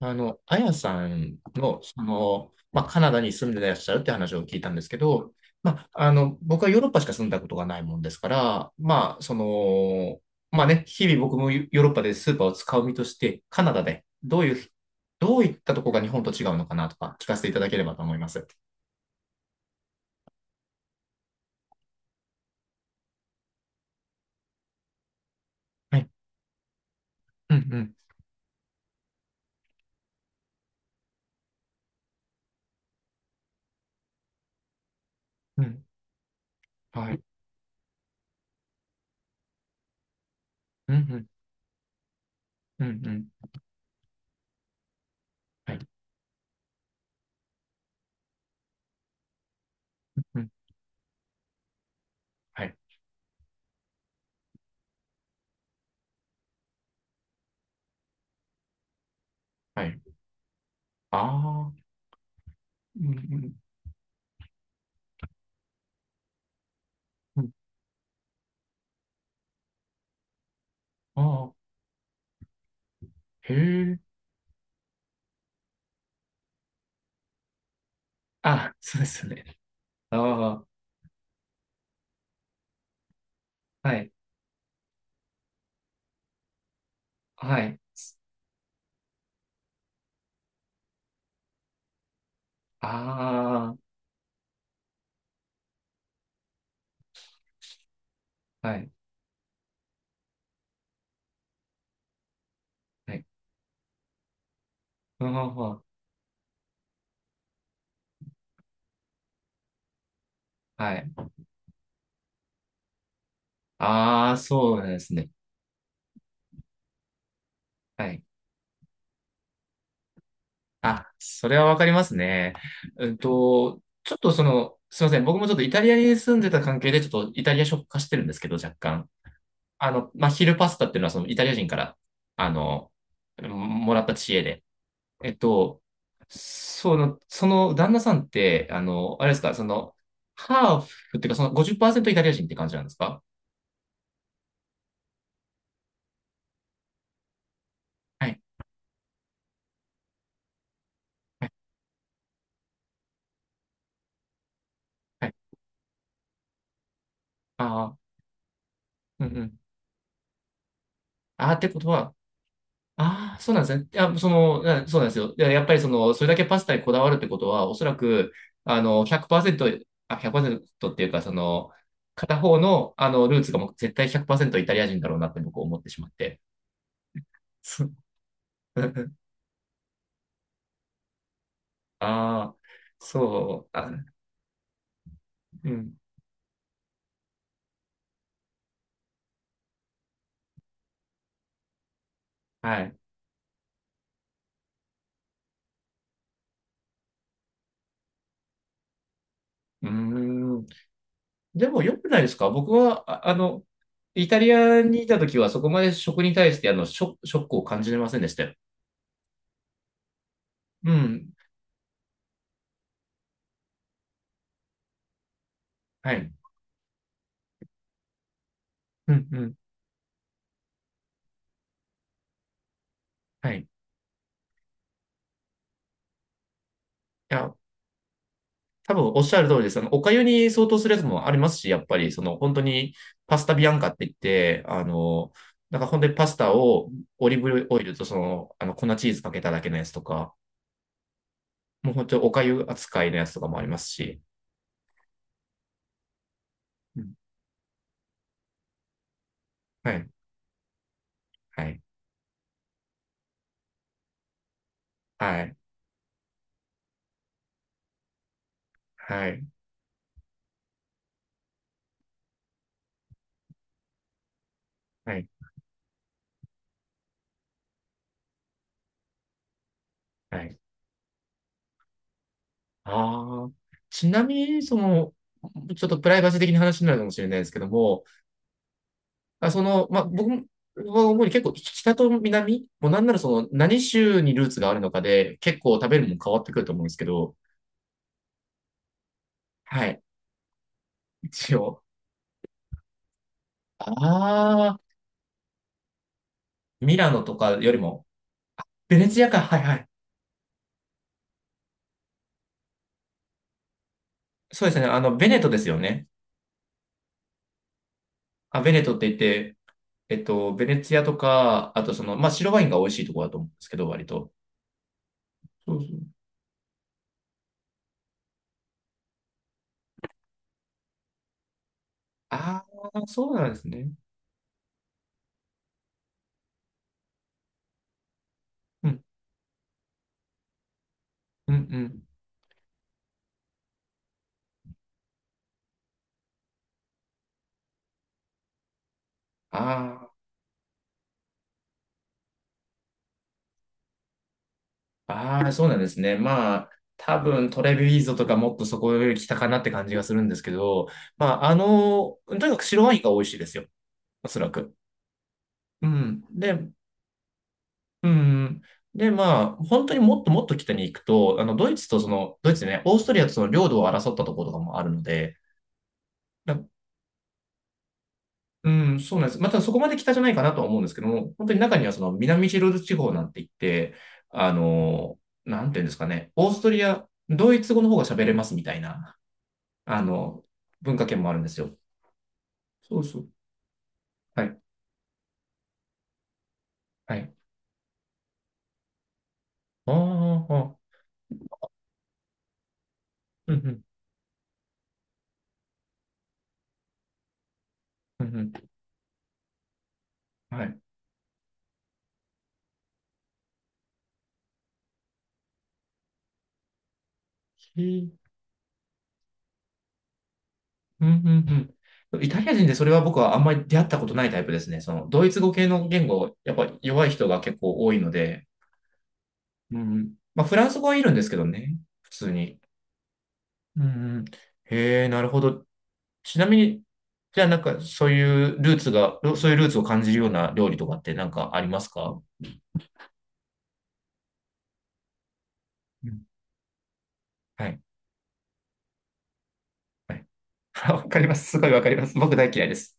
あやさんの、カナダに住んでらっしゃるって話を聞いたんですけど、僕はヨーロッパしか住んだことがないもんですから、まあね、日々僕もヨーロッパでスーパーを使う身として、カナダでどういったとこが日本と違うのかなとか聞かせていただければと思います。はい。うんうん。うん。はい。うんうん。うんうん。はい。うん。はい。はい。ああ。うんうん。うん。ああ。へえ。あ、そうですよね。ああ。はい。はい。ああ、はい。はい。うんほんほん、はい。ああ、そうなんですね。はい。あ、それはわかりますね。ちょっとすいません。僕もちょっとイタリアに住んでた関係で、ちょっとイタリア食化してるんですけど、若干。昼パスタっていうのは、そのイタリア人から、あの、もらった知恵で。えっと、その旦那さんって、あれですか、ハーフっていうか、その50%イタリア人って感じなんですか？はいはいはい。ああうんうん。ああ、ってことは、ああ、そうなんですね。いや、そうなんですよ。いや、やっぱりそれだけパスタにこだわるってことは、おそらく、100%、あ、100%っていうか、片方の、ルーツがもう絶対100%イタリア人だろうなって僕思ってしまって。ああ、そう、あ、うん、はい。うーん。でも良くないですか？僕は、あ、イタリアにいた時はそこまで食に対して、ショックを感じれませんでしたよ。うん。はい。うんうん、はい。いや、多分おっしゃる通りです。お粥に相当するやつもありますし、やっぱり、本当に、パスタビアンカって言って、なんか本当にパスタをオリーブオイルと粉チーズかけただけのやつとか、もう本当にお粥扱いのやつとかもありますし。うん、はい、はい、はい、はい、はい、はい。ああ、ちなみに、ちょっとプライバシー的な話になるかもしれないですけども、僕は主に結構北と南、もうなんならその何州にルーツがあるのかで結構食べるもん変わってくると思うんですけど、はい、一応。ああ、ミラノとかよりも、ベネツィアか、はいはい。そうですね、ベネトですよね。あ、ベネトって言って、ベネツィアとか、あと白ワインが美味しいところだと思うんですけど、割と。そうそう。ああ、そうなんですね。うん、うん、うん。あー。ああ、そうなんですね。まあ、多分トレビーゾとかもっとそこより北かなって感じがするんですけど、まあ、とにかく白ワインが美味しいですよ。おそらく。うん。で、うん。で、まあ、本当にもっともっと北に行くと、ドイツね、オーストリアとその領土を争ったところとかもあるので、だうん、そうなんです。またそこまで北じゃないかなとは思うんですけども、本当に中にはその南チロル地方なんて言って、なんていうんですかね、オーストリア、ドイツ語の方が喋れますみたいな。あの、文化圏もあるんですよ。そうそう。はい。はい。ああ、うんうん、うんうん。はい。ひうんうんうん。イタリア人でそれは僕はあんまり出会ったことないタイプですね。ドイツ語系の言語、やっぱ弱い人が結構多いので、うんうん。まあ、フランス語はいるんですけどね、普通に。うんうん。へえ、なるほど。ちなみに、じゃあなんかそういうルーツが、そういうルーツを感じるような料理とかってなんかありますか？うん、はい。はい。 わかります。すごいわかります。僕大嫌いです。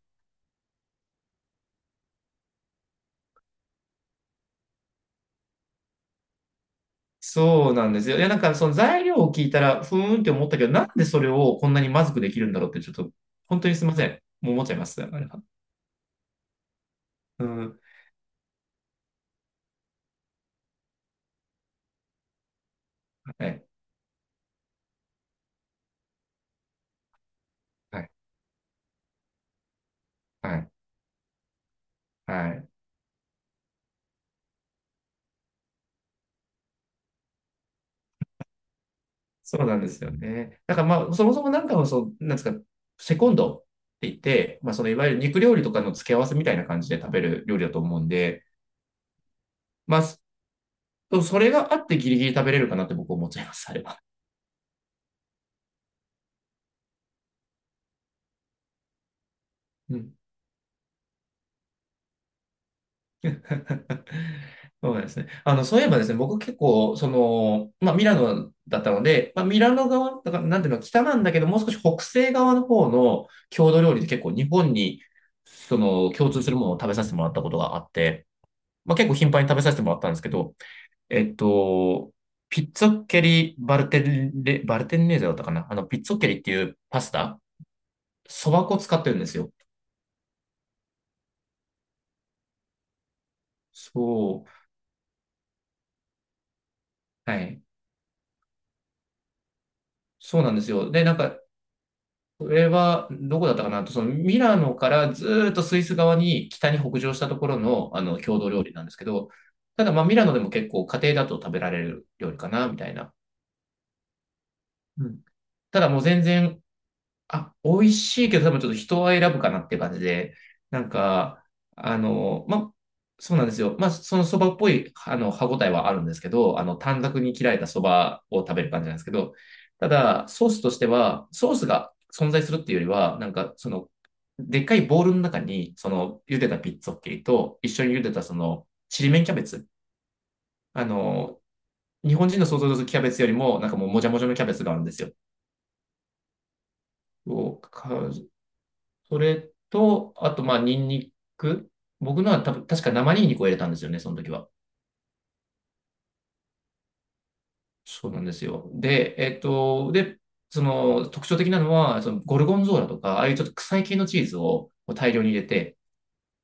そうなんですよ。いや、なんかその材料を聞いたら、ふーんって思ったけど、なんでそれをこんなにまずくできるんだろうって、ちょっと、本当にすみません。もう思っちゃいます。あれは。うん。はい。はい。はい。はい。そうなんですよね。だからまあ、そもそもなんかもそう、なんですか、セコンドって言って、まあ、そのいわゆる肉料理とかの付け合わせみたいな感じで食べる料理だと思うんで、まあ、それがあってギリギリ食べれるかなって僕思っちゃいます。あれは。うん。 そうですね。そういえばですね、僕結構、まあ、ミラノだったので、まあ、ミラノ側、だから、なんていうの、北なんだけど、もう少し北西側の方の郷土料理で結構日本に、共通するものを食べさせてもらったことがあって、まあ、結構頻繁に食べさせてもらったんですけど、えっと、ピッツォッケリバルテンネーゼだったかな、あの、ピッツォッケリっていうパスタ、そば粉を使ってるんですよ。そう。はい。そうなんですよ。で、なんか、それは、どこだったかな、と、そのミラノからずーっとスイス側に北に北上したところの、郷土料理なんですけど、ただ、まあ、ミラノでも結構家庭だと食べられる料理かな、みたいな。うん。ただもう全然、あ、美味しいけど多分ちょっと人は選ぶかなって感じで、なんか、あの、ま、そうなんですよ。まあ、そのそばっぽい、歯ごたえはあるんですけど、短冊に切られたそばを食べる感じなんですけど、ただ、ソースとしては、ソースが存在するっていうよりは、なんか、でっかいボウルの中に、その、茹でたピッツォッケリと、一緒に茹でたその、ちりめんキャベツ。あの、日本人の想像するキャベツよりも、なんかもうもじゃもじゃのキャベツがあるんですよ。をかそれと、あと、まあ、ニンニク。僕のは多分、確か生ニンニクを入れたんですよね、その時は。そうなんですよ。で、えっと、で、その特徴的なのは、そのゴルゴンゾーラとか、ああいうちょっと臭い系のチーズを大量に入れて、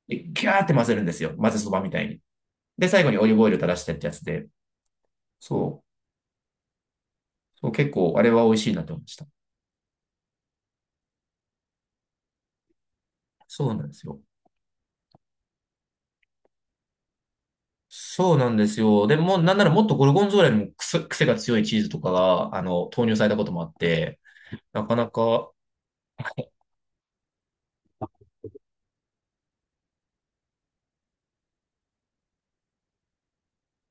でギャーって混ぜるんですよ。混ぜそばみたいに。で、最後にオリーブオイル垂らしてってやつで、そう、そう結構、あれは美味しいなって思いました。そうなんですよ。そうなんですよ。でも、なんならもっとゴルゴンゾーラよりも癖が強いチーズとかが、投入されたこともあって、なかなか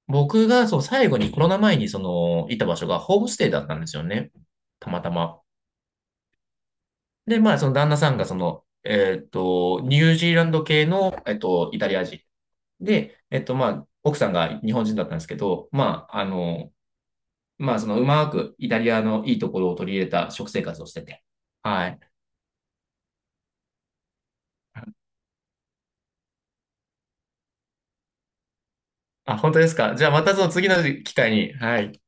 僕がそう最後にコロナ前にそのいた場所がホームステイだったんですよね。たまたま。で、まあその旦那さんがニュージーランド系の、イタリア人。で、まあ奥さんが日本人だったんですけど、ままあそのうまくイタリアのいいところを取り入れた食生活をしてて。はい。あ、本当ですか。じゃあまたその次の機会に、はい。